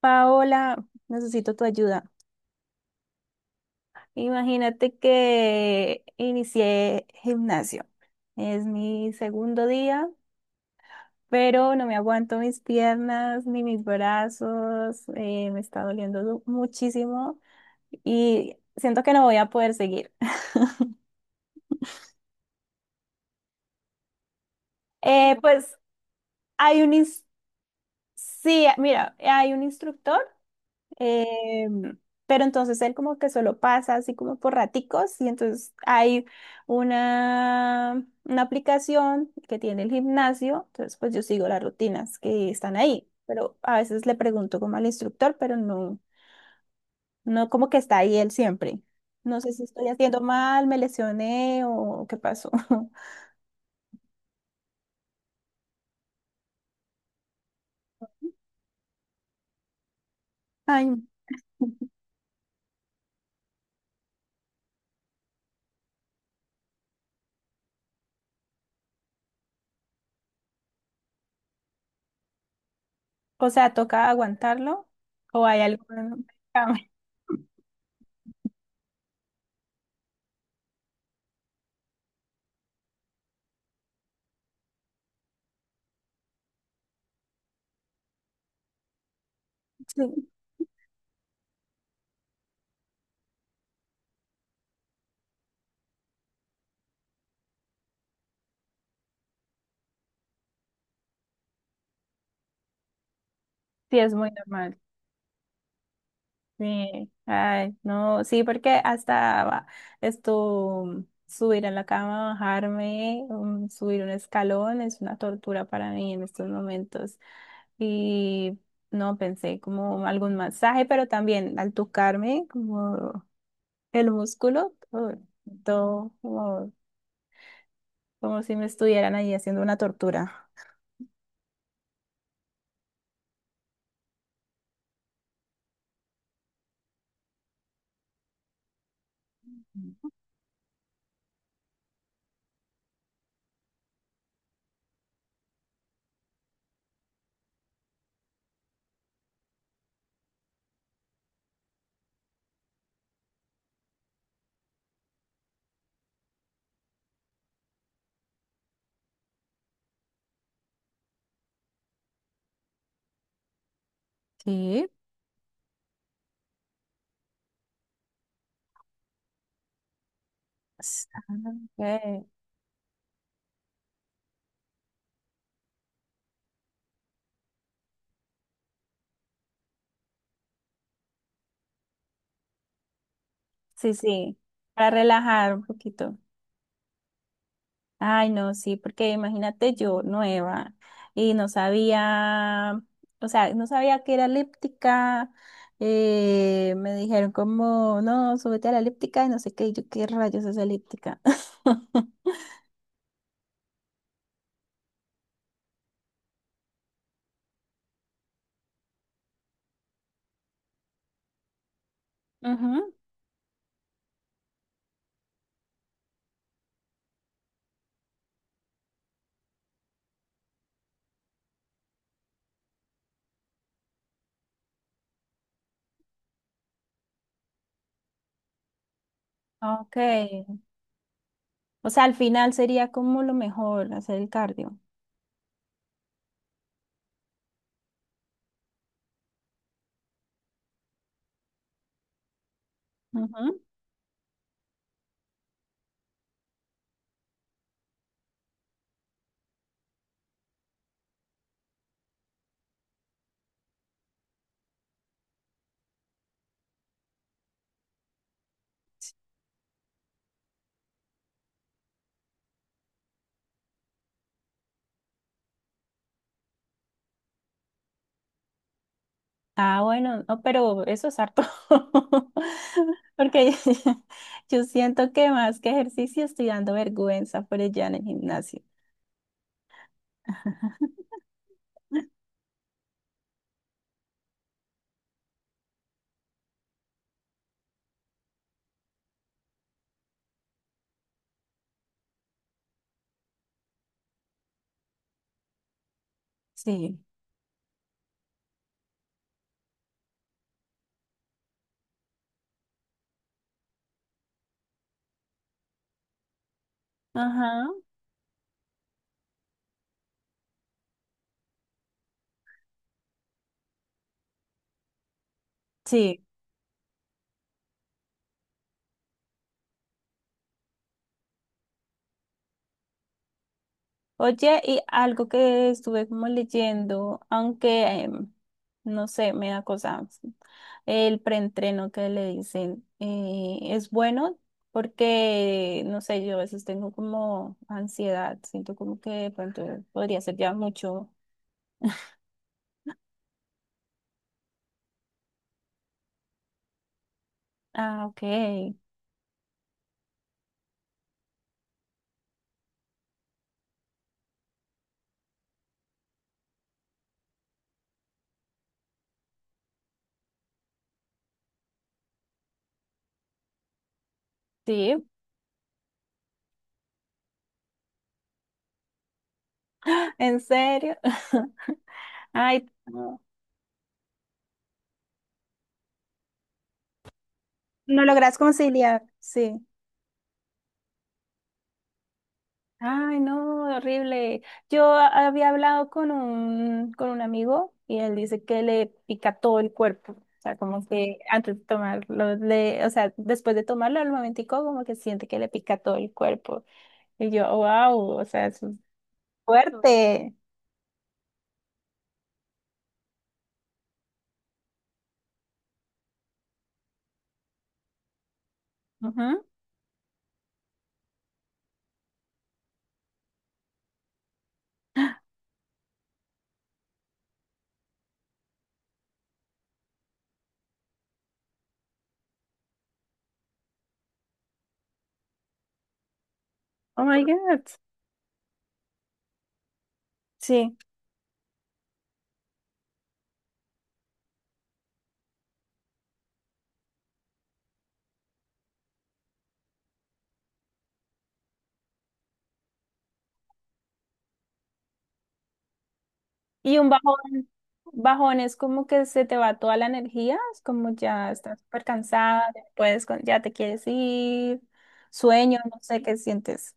Paola, necesito tu ayuda. Imagínate que inicié gimnasio. Es mi segundo día, pero no me aguanto mis piernas ni mis brazos. Me está doliendo muchísimo y siento que no voy a poder seguir. Pues hay un, ins- sí, mira, hay un instructor. Em, pero entonces él como que solo pasa así como por raticos, y entonces hay una aplicación que tiene el gimnasio. Entonces pues yo sigo las rutinas que están ahí, pero a veces le pregunto como al instructor, pero no, no como que está ahí él siempre. No sé si estoy haciendo mal, me lesioné o qué pasó. Ay, o sea, ¿toca aguantarlo o hay algún...? Sí, sí, es muy normal. Sí, ay, no, sí, porque hasta esto, subir a la cama, bajarme, subir un escalón es una tortura para mí en estos momentos. Y no pensé como algún masaje, pero también al tocarme como el músculo, todo, todo como, como si me estuvieran ahí haciendo una tortura. Sí. Ah, ok. Sí, sí, para relajar un poquito. Ay, no, sí, porque imagínate, yo nueva y no sabía, o sea, no sabía que era elíptica. Me dijeron como, no, súbete a la elíptica y no sé qué, y yo, ¿qué rayos es elíptica? Ujú. Ok, o sea, al final sería como lo mejor hacer el cardio. Ujú. Ah, bueno, no, pero eso es harto. Porque yo siento que más que ejercicio estoy dando vergüenza por allá en el gimnasio. Sí, ajá, sí. Oye, y algo que estuve como leyendo, aunque no sé, me da cosa, el preentreno que le dicen, es bueno porque, no sé, yo a veces tengo como ansiedad, siento como que de pronto podría ser ya mucho. Ah, ok, sí, ¿en serio? Ay, no, no logras conciliar, sí. Ay, no, horrible. Yo había hablado con un amigo y él dice que le pica todo el cuerpo. O sea, como que antes de tomarlo, o sea, después de tomarlo al momentico, como que siente que le pica todo el cuerpo. Y yo, wow, o sea, eso es fuerte. Ujú. Oh my God. Sí. Y un bajón, bajón es como que se te va toda la energía, es como ya estás súper cansada, ya no puedes, ya te quieres ir, sueño, no sé qué sientes.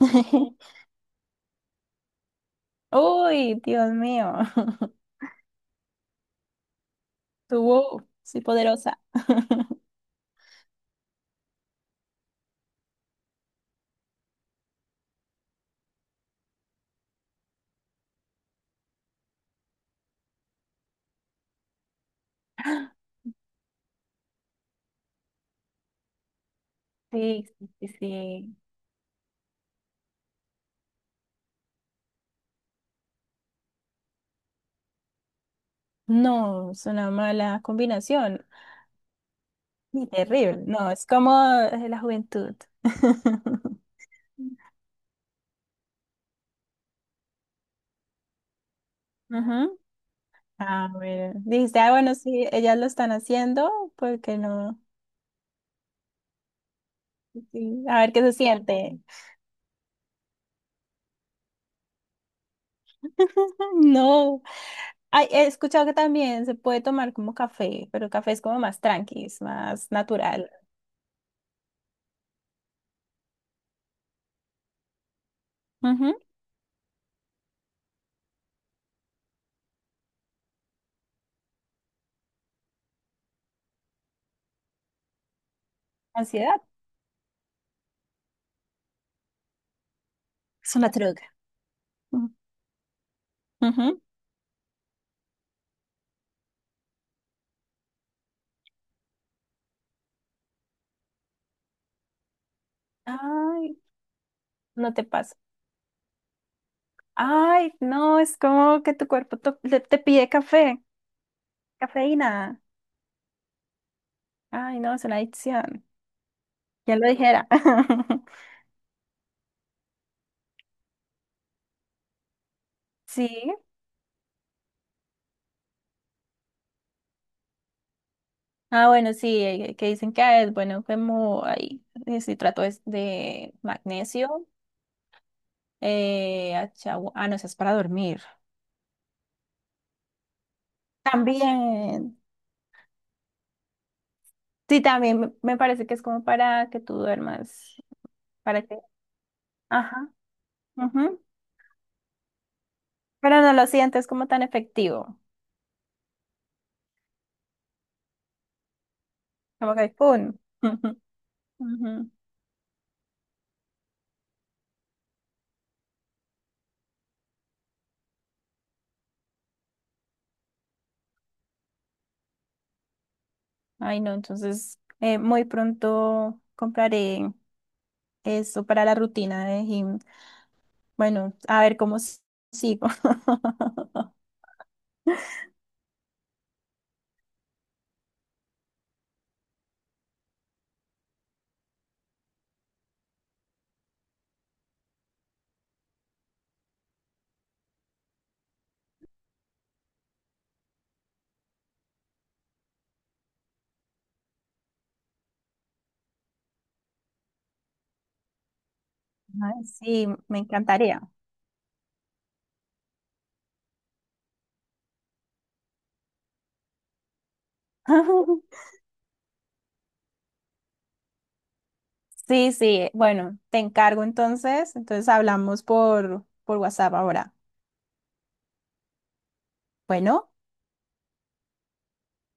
Uy, Dios mío. Tú, wow, soy poderosa. Sí, sí, sí, sí. No, es una mala combinación. Y terrible. No, es como la juventud. Ujú. Ah, bueno. Dijiste, ah, bueno, sí, ellas lo están haciendo, ¿porque no? Sí, a ver qué se siente. No. Ay, he escuchado que también se puede tomar como café, pero el café es como más tranqui, es más natural. Ujú. Ansiedad. Es una droga. Ujú. Ay, no te pasa. Ay, no, es como que tu cuerpo te, pide café, cafeína. Ay, no, es una adicción. Ya lo dijera. Sí. Ah, bueno, sí, que dicen que ah, es bueno como ahí, si trato es de magnesio, ah, no, eso es para dormir. También. Sí, también me parece que es como para que tú duermas, para que, ajá, ujú. Pero no lo sientes como tan efectivo. Como iPhone. Ujú. Ay, no, entonces, muy pronto compraré eso para la rutina de gym. Bueno, a ver cómo sigo. Ay, sí, me encantaría. Sí, sí, bueno, te encargo entonces. Entonces hablamos por WhatsApp ahora. Bueno.